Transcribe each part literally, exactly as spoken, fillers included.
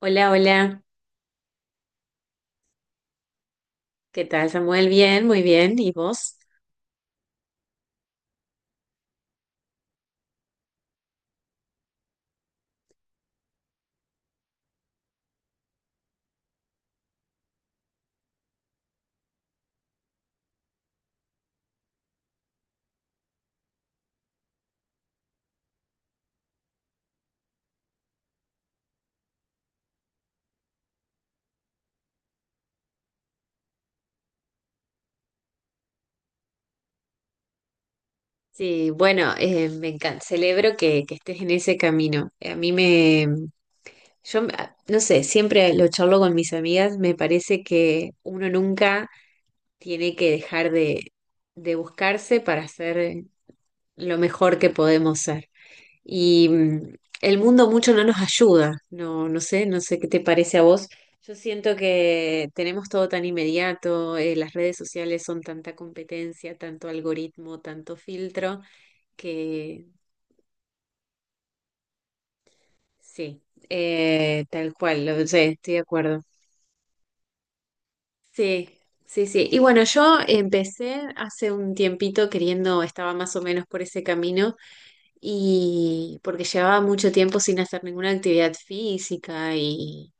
Hola, hola. ¿Qué tal, Samuel? Bien, muy bien. ¿Y vos? Sí, bueno, eh, me encanta. Celebro que, que estés en ese camino. A mí me, yo, me- ah, no sé, siempre lo charlo con mis amigas. Me parece que uno nunca tiene que dejar de, de buscarse para ser lo mejor que podemos ser. Y mm, el mundo mucho no nos ayuda, no, no sé, no sé qué te parece a vos. Yo siento que tenemos todo tan inmediato, eh, las redes sociales son tanta competencia, tanto algoritmo, tanto filtro, que sí, eh, tal cual, lo sé, estoy de acuerdo. Sí, sí, sí. Y bueno, yo empecé hace un tiempito queriendo, estaba más o menos por ese camino y porque llevaba mucho tiempo sin hacer ninguna actividad física y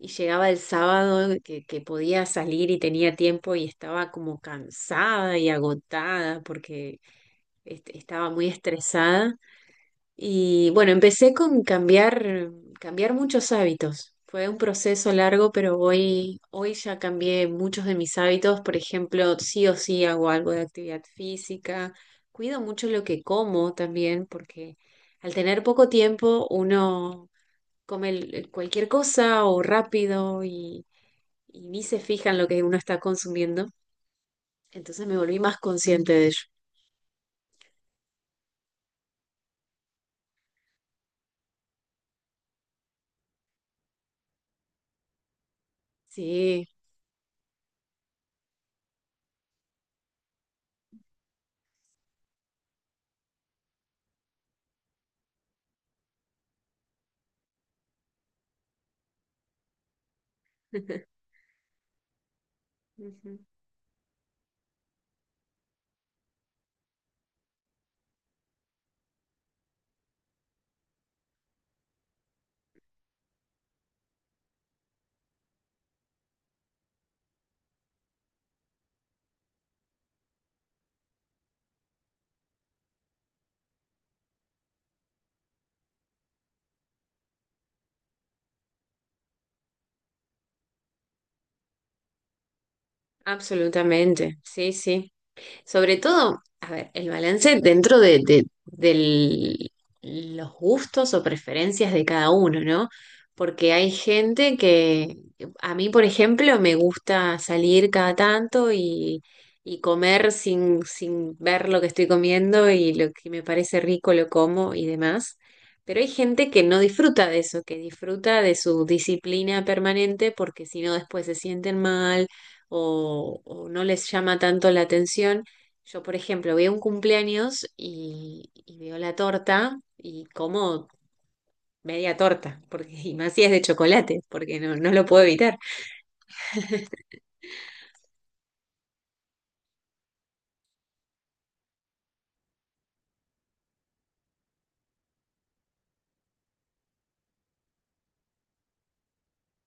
Y llegaba el sábado que, que podía salir y tenía tiempo y estaba como cansada y agotada porque est- estaba muy estresada. Y bueno, empecé con cambiar, cambiar muchos hábitos. Fue un proceso largo, pero hoy, hoy ya cambié muchos de mis hábitos. Por ejemplo, sí o sí hago algo de actividad física. Cuido mucho lo que como también, porque al tener poco tiempo uno come el- cualquier cosa o rápido y y ni se fija en lo que uno está consumiendo. Entonces me volví más consciente de ello. Sí, ujú. Absolutamente. Sí, sí. Sobre todo, a ver, el balance dentro de, de- del- los gustos o preferencias de cada uno, ¿no? Porque hay gente que, a mí, por ejemplo, me gusta salir cada tanto y, y comer sin, sin ver lo que estoy comiendo y lo que me parece rico lo como y demás. Pero hay gente que no disfruta de eso, que disfruta de su disciplina permanente porque si no después se sienten mal o, o no les llama tanto la atención. Yo, por ejemplo, veo un cumpleaños y, y veo la torta y como media torta, porque, y más si es de chocolate, porque no, no lo puedo evitar.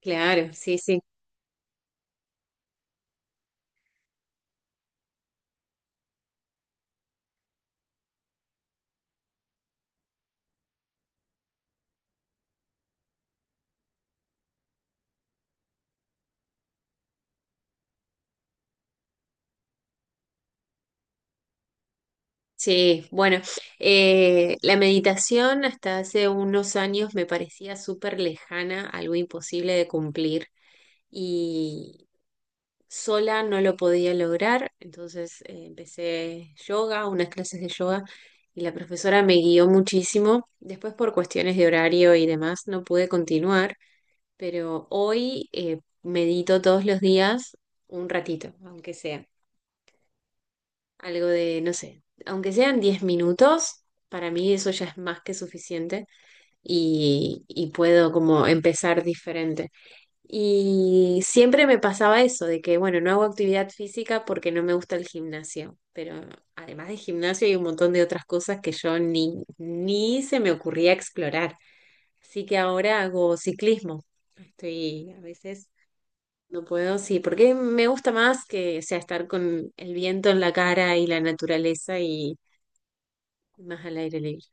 Claro, sí, sí. Sí, bueno, eh, la meditación hasta hace unos años me parecía súper lejana, algo imposible de cumplir. Y, Sola no lo podía lograr, entonces eh, empecé yoga, unas clases de yoga, y la profesora me guió muchísimo. Después por cuestiones de horario y demás no pude continuar, pero hoy eh, medito todos los días un ratito, aunque sea algo de, no sé, aunque sean diez minutos, para mí eso ya es más que suficiente y, y puedo como empezar diferente. Y siempre me pasaba eso, de que, bueno, no hago actividad física porque no me gusta el gimnasio, pero además de gimnasio hay un montón de otras cosas que yo ni, ni se me ocurría explorar. Así que ahora hago ciclismo. Estoy, a veces no puedo, sí, porque me gusta más que, o sea, estar con el viento en la cara y la naturaleza y más al aire libre.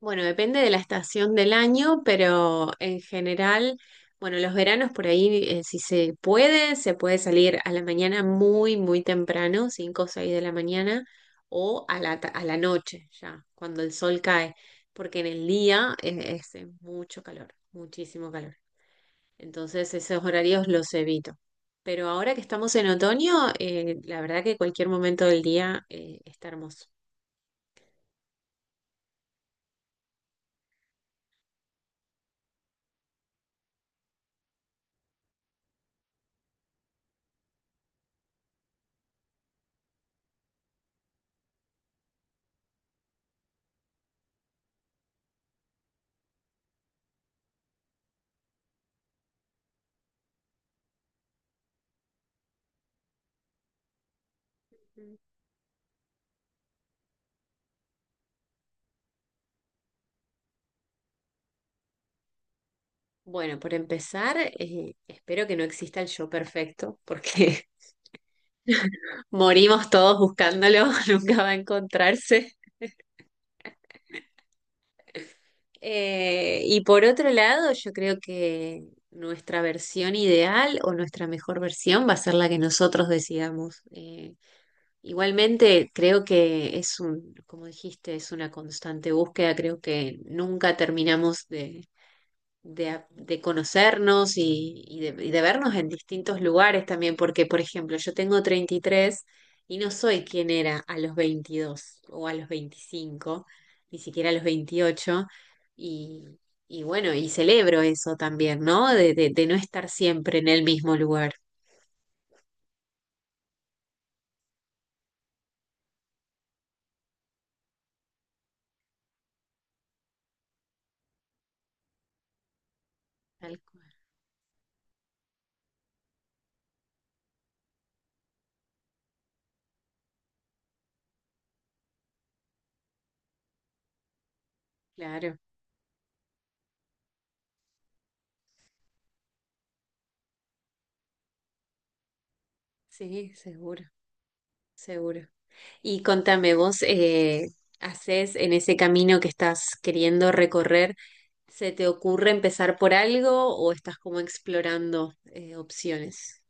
Bueno, depende de la estación del año, pero en general, bueno, los veranos por ahí, eh, si se puede, se puede salir a la mañana muy, muy temprano, cinco o seis de la mañana, o a la, ta- a la noche ya, cuando el sol cae, porque en el día eh, es, es eh, mucho calor, muchísimo calor. Entonces esos horarios los evito. Pero ahora que estamos en otoño, eh, la verdad que cualquier momento del día, eh, está hermoso. Bueno, por empezar, eh, espero que no exista el yo perfecto, porque morimos todos buscándolo, nunca va a encontrarse. Eh, y por otro lado, yo creo que nuestra versión ideal o nuestra mejor versión va a ser la que nosotros decidamos. Eh, igualmente, creo que es un, como dijiste, es una constante búsqueda, creo que nunca terminamos de de, a- de conocernos y, y de, y de vernos en distintos lugares también, porque, por ejemplo, yo tengo treinta y tres y no soy quien era a los veintidós o a los veinticinco ni siquiera a los veintiocho y, y bueno, y celebro eso también, ¿no? De, de, de no estar siempre en el mismo lugar. Tal cual. Claro, sí, seguro, seguro. Y contame, vos eh, haces en ese camino que estás queriendo recorrer, ¿se te ocurre empezar por algo o estás como explorando eh, opciones?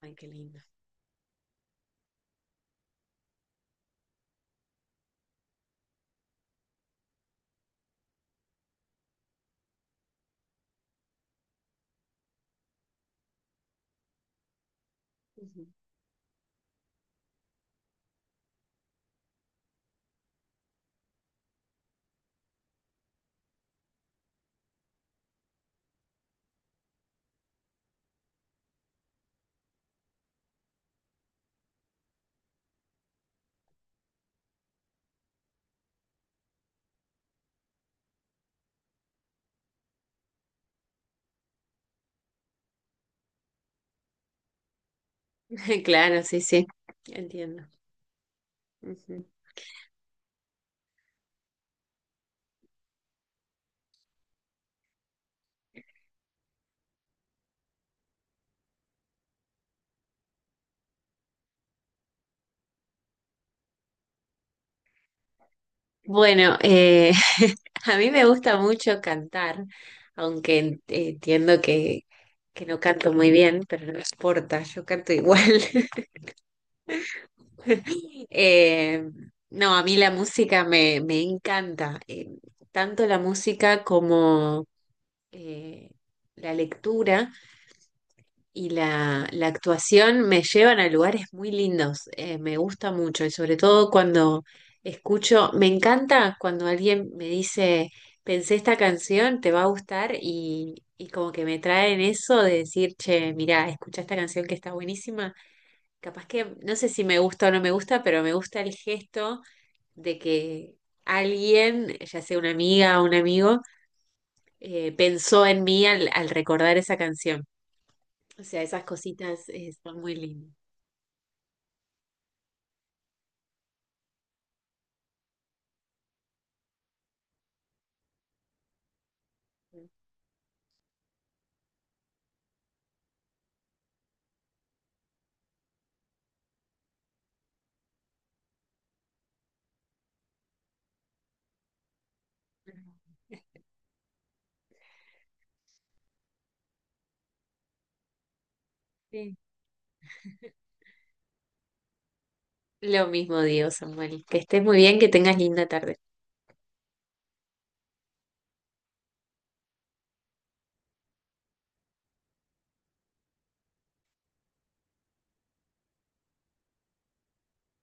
Ay, qué lindo. Ujú. Claro, sí, sí, entiendo. Ujú. Bueno, eh, a mí me gusta mucho cantar, aunque en- entiendo que, que no canto muy bien, pero no importa, yo canto igual. Eh, no, a mí la música me, me encanta, eh, tanto la música como eh, la lectura. Y la, la actuación me llevan a lugares muy lindos, eh, me gusta mucho y sobre todo cuando escucho, me encanta cuando alguien me dice, pensé esta canción, te va a gustar y, y como que me traen eso de decir, che, mirá, escucha esta canción que está buenísima, capaz que no sé si me gusta o no me gusta, pero me gusta el gesto de que alguien, ya sea una amiga o un amigo, eh, pensó en mí al al recordar esa canción. O sea, esas cositas eh, son muy lindas. Sí. Lo mismo digo, Samuel. Que estés muy bien, que tengas linda tarde.